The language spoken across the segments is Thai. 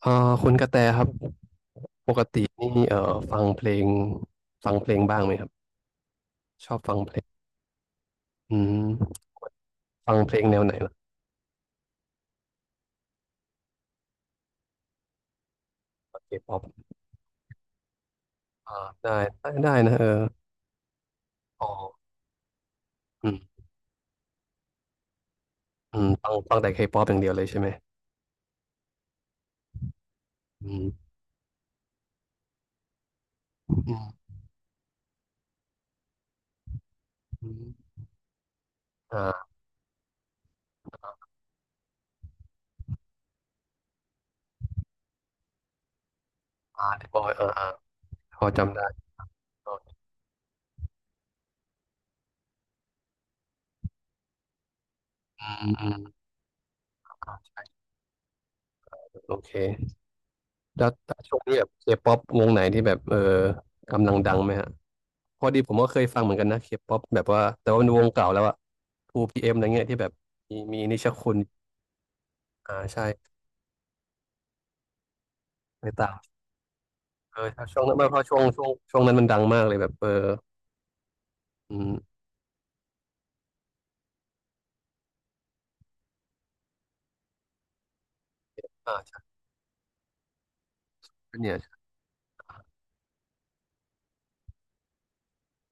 เอ่อคุณกระแตครับปกตินี่ฟังเพลงฟังเพลงบ้างไหมครับชอบฟังเพลงอืมฟังเพลงแนวไหนล่ะเคป๊อปอ่าได้ได้นะเอออ๋ออืมฟังแต่เคป๊อปอย่างเดียวเลยใช่ไหมอืมอืมอืมอ่าอ่าเดบอยอ่าพอจำได้อืมอืมอ่าใช่โอเคแล้วช่วงนี้แบบเคป๊อปวงไหนที่แบบเออกำลังดังไหมฮะ พอดีผมก็เคยฟังเหมือนกันนะเคป๊อปแบบว่าแต่ว่ามันวงเก่าแล้วอะทูพีเอมอะไรเงี้ยที่แบบมีนิชคุณอ่าใช่ไปตามเออถ้าช่วงนั้นเพราะช่วงนั้นมันดังมากเลยแบบเอออืมอ่าใช่เนี่ย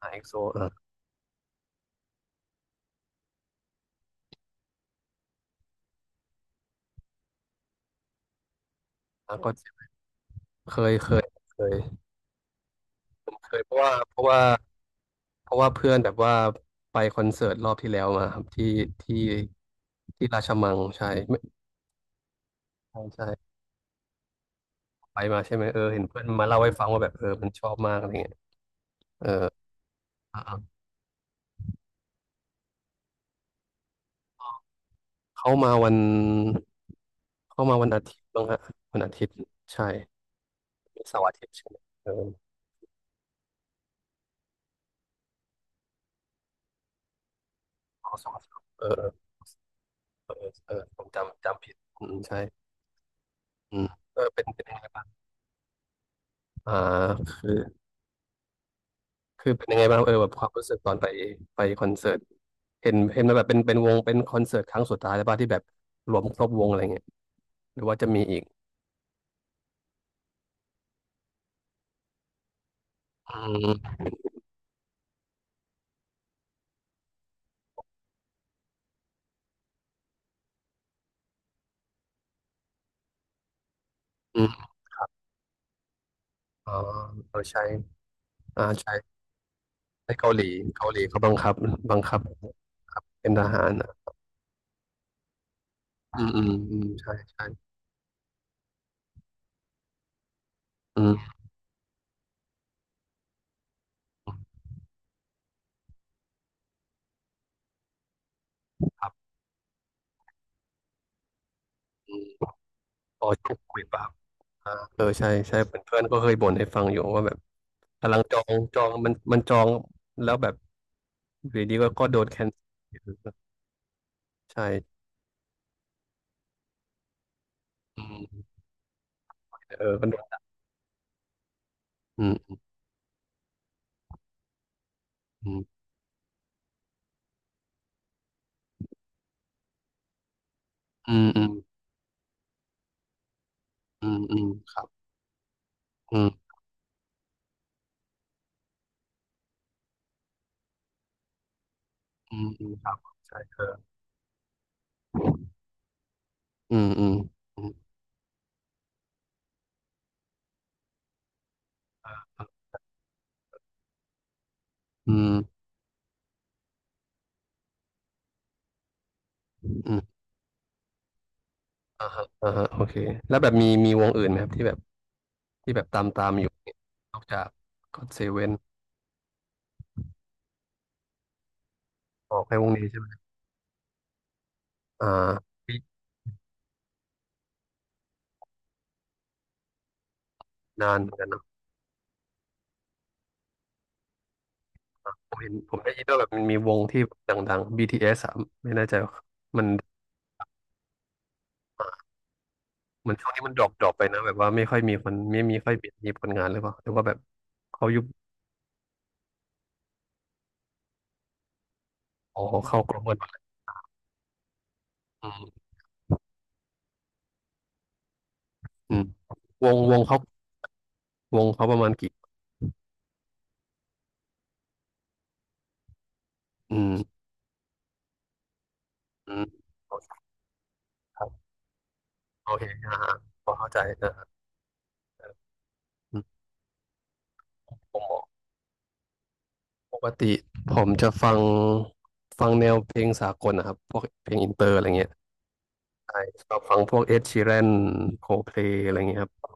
อ่าเอ็กโซอ่าแล้วก็เคยเคยเคยเคยเพราะว่าเพราะว่าเพื่อนแบบว่าไปคอนเสิร์ตรอบที่แล้วมาครับที่ที่ราชมังใช่ไม่ใช่ใช่ไปมาใช่ไหมเออเห็นเพื่อนมาเล่าให้ฟังว่าแบบเออมันชอบมากอะไรเงี้ยเออ เขามาวันเขามาวันอาทิตย์บ้างฮะวันอาทิตย์ใช่มีเสาร์อาทิตย์ใช่ไหมเอออ๋อเสาร์อาทิตย์เออเออเออเออผมจำผิดอืมใช่อืมเออเป็นยังไงบ้างอ่าคือคือเป็นยังไงบ้างเออแบบความรู้สึกตอนไปไปคอนเสิร์ตเห็นมาแบบเป็นวงเป็นคอนเสิร์ตครั้งสุดท้ายแล้วป่ะที่แบบรวมครบวงอะไรเงี้ยหรือว่าจะมีอีกอืมอืมอ๋อเราใช้อ่าใช้ในเกาหลีเกาหลีเขาบังคับบังคับเป็นทหาร อืมอืมอืมใช่ใช่อืมครับอืมพอชุกคุยเปรับอ่าเออใช่ใช่เพื่อนเพื่อนก็เคยบ่นให้ฟังอยู่ว่าแบบกำลังจองจองมันมันจองแล้วแบบอยู่ดีๆก็โดนแคนใช่อืมเออก็โดนอืมอืมอืมอืมอืมอืมครับอืมอืมอืมครับใช่เอออืมอืมอืมอืมอืมอ่าฮะอ่าฮะโอเคแล้วแบบมีวงอื่นไหมครับที่แบบที่แบบตามอยู่เนี่ยนอกจากก็อดเซเว่นออกแค่วงนี้ใช่ไหม อ่าปีนานเหมือนกันเนอะผมเห็นผมได้ยินว่าแบบมันมีวงที่ดังๆ BTS อสอะไม่แน่ใจว่ามันอ่าเหมือนช่วงนี้มันดรอปไปนะแบบว่าไม่ค่อยมีคนไม่มีค่อยมีผลงานหรือเปล่าหรือว่าแบบเขายุบอ๋อเข้ากรมหมดเลยอืมอืมวงเขาวงเขาประมาณกี่อืมอืมโอเคครับโอเคอ่าฮะพอเข้าใจนะฮะอืมผมบอกปกติผมจะฟังฟังแนวเพลงสากลนะครับพวกเพลงอินเตอร์อะไรเงี้ยใช่ชอบฟังพวกเอ็ดชีแรนโคเพลอะไรเงี้ยครับ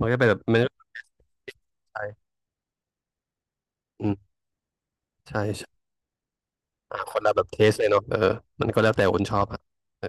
มันก็เป็นแบบมันก็ใช่อืมใช่ใช่อ่ะคนละแบบเทสเลยเนาะเออมันก็แล้วแต่คนชอบอ่ะเออ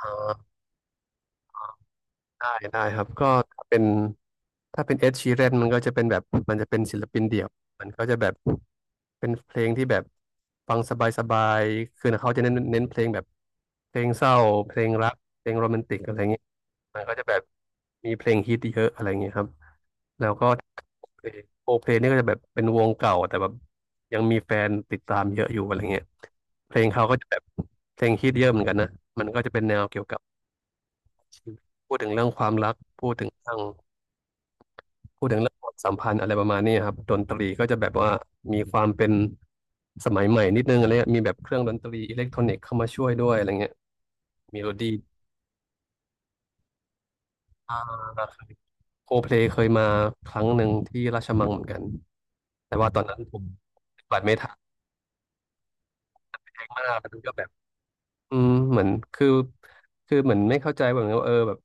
อ่าได้ได้ครับก็ถ้าเป็นถ้าเป็นเอ s ชีแรนมันก็จะเป็นแบบมันจะเป็นศิลปินเดี่ยวมันก็จะแบบ เป็นเพลงที่แบบฟังสบายๆคือเขาจะเน้นเพลงแบบเพลงเศร้าเพลงรักเพลงโรแมนติกอะไรเงี้ยมันก็จะแบบมีเพลงฮิตเยอะอะไรเงี้ยครับแล้วก็โอเพลงนี่ก็จะแบบเป็นวงเก่าแต่แบบยังมีแฟนติดตามเยอะอยู่อะไรเงี้ยเพลงเขาก็จะแบบเพลงฮิตเยอะเหมือนกันนะมันก็จะเป็นแนวเกี่ยวกับชีวิตพูดถึงเรื่องความรักพูดถึงเรื่อง พูดถึงเรื่องความสัมพันธ์อะไรประมาณนี้ครับดนตรีก็จะแบบว่ามีความเป็นสมัยใหม่นิดนึงอะไรเงี้ยมีแบบเครื่องดนตรีอิเล็กทรอนิกส์เข้ามาช่วยด้วยอะไรเงี้ยมีโรดีอ่าโคเพลเคยมาครั้งหนึ่งที่ราชมังเหมือนกันแต่ว่าตอนนั้นผมปฏิบัติไม่ทันแพงมากแล้วมันก็แบบ อืมเหมือนคือคือเหมือนไม่เข้าใจแบบนี้ว่าเออแบบ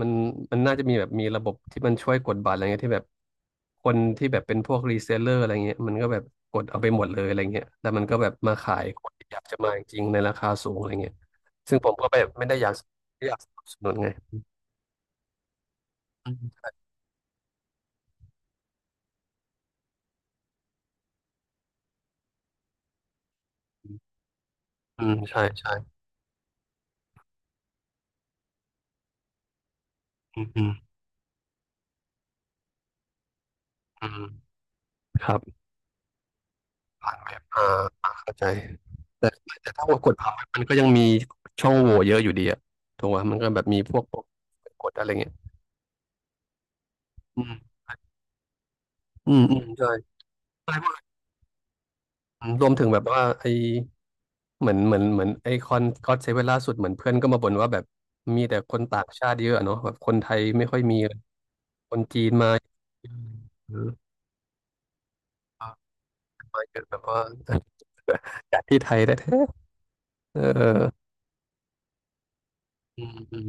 มันมันน่าจะมีแบบมีระบบที่มันช่วยกดบัตรอะไรเงี้ยที่แบบคนที่แบบเป็นพวกรีเซลเลอร์อะไรเงี้ยมันก็แบบกดเอาไปหมดเลยอะไรเงี้ยแล้วมันก็แบบมาขายคนที่อยากจะมาจริงๆในราคาสูงอะไรเงี้ยซึ่งผมก็แบบไม่ได้อยากไม่อยากสนับสนุนไงอืมอืมใช่ใช่อืมอืมอืมครับ ผ่านแบบเอ่าอ่ะเข้าใจแต่แต่ถ้ากดพับมันก็ยังมีช่องโหว่เยอะอยู่ดีอะถูกไหมมันก็แบบมีพวกกดอะไรเงี้ยอืมอืมอืมใช่ใช่รวมถึงแบบว่าไอเหมือนไอคอนก็อดเซเว่นล่าสุดเหมือนเพื่อนก็มาบ่นว่าแบบมีแต่คนต่างชาติเยอะอะเนาะแบบคนไทยไม่ค่อยมีเลยคนจีนมาอืมเออามาเยอะแบบว่า จากที่ไทยแท้ๆเอออืมอืม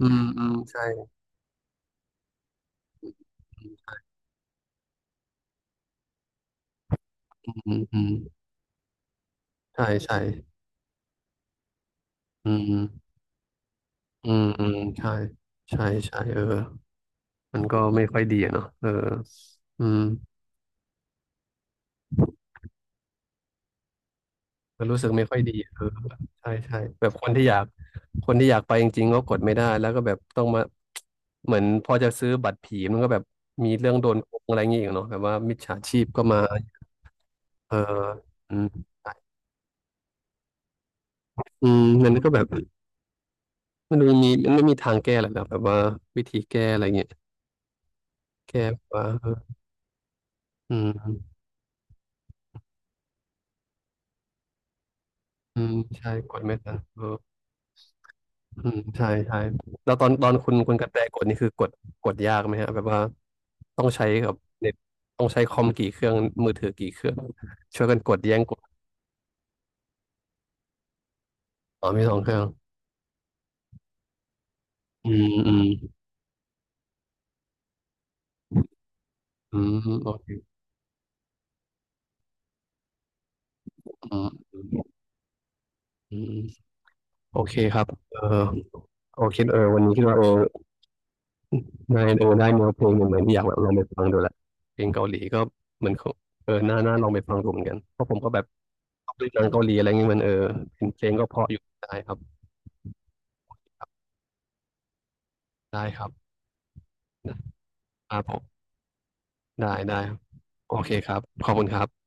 อืมอืมใช่อืมอืม ใช่ใช่อืมอืมอืมใช่ใช่ใช่เออมันก็ไม่ค่อยดีอะเนาะเอออืมมันรู้สึกไม่ค่อยดีเออใช่ใช่แบบคนที่อยากคนที่อยากไปจริงๆก็กดไม่ได้ แล้วก็แบบต้องมา เหมือนพอจะซื้อบัตรผีมันก็แบบมีเรื่องโดนโกงอะไรอย่างเงี้ยอีกเนาะแบบว่ามิจฉาชีพก็มาเอออืมอืมมันก็แบบมันไม่มีทางแก้หรอกนะแบบว่าวิธีแก้อะไรเงี้ยแก้แบบว่าเอออืมอืมใช่กดไม่ทันเออ อืมใช่ใช่แล้วตอนคุณกระแตกดนี่คือกดกดยากไหมฮะแบบว่าต้องใช้กับเน็ตต้องใช้คอมกี่เครื่องมือถือกี่เครื่องช่วยกันกดแย่งกดอ๋อมีสองเครื่องอืมอืมอืมโอเคอืมอืมอืมโอเคครับเออโอเคเออวันนี้คิดว่าเออนายเออได้เนื้อเพลงเหมือนอยากแบบลองไปฟังดูแหละเพลงเกาหลีก็เหมือนเขาเออน่าลองไปฟังดูเหมือนกันเพราะผมก็แบบชอบดูหนังเกาหลีอะไรเงี้ยมันเออเพลงก็เพราะอยู่ได้ครับได้ครับ ครับผมได้ได้โอเคครับขอบคุณครับ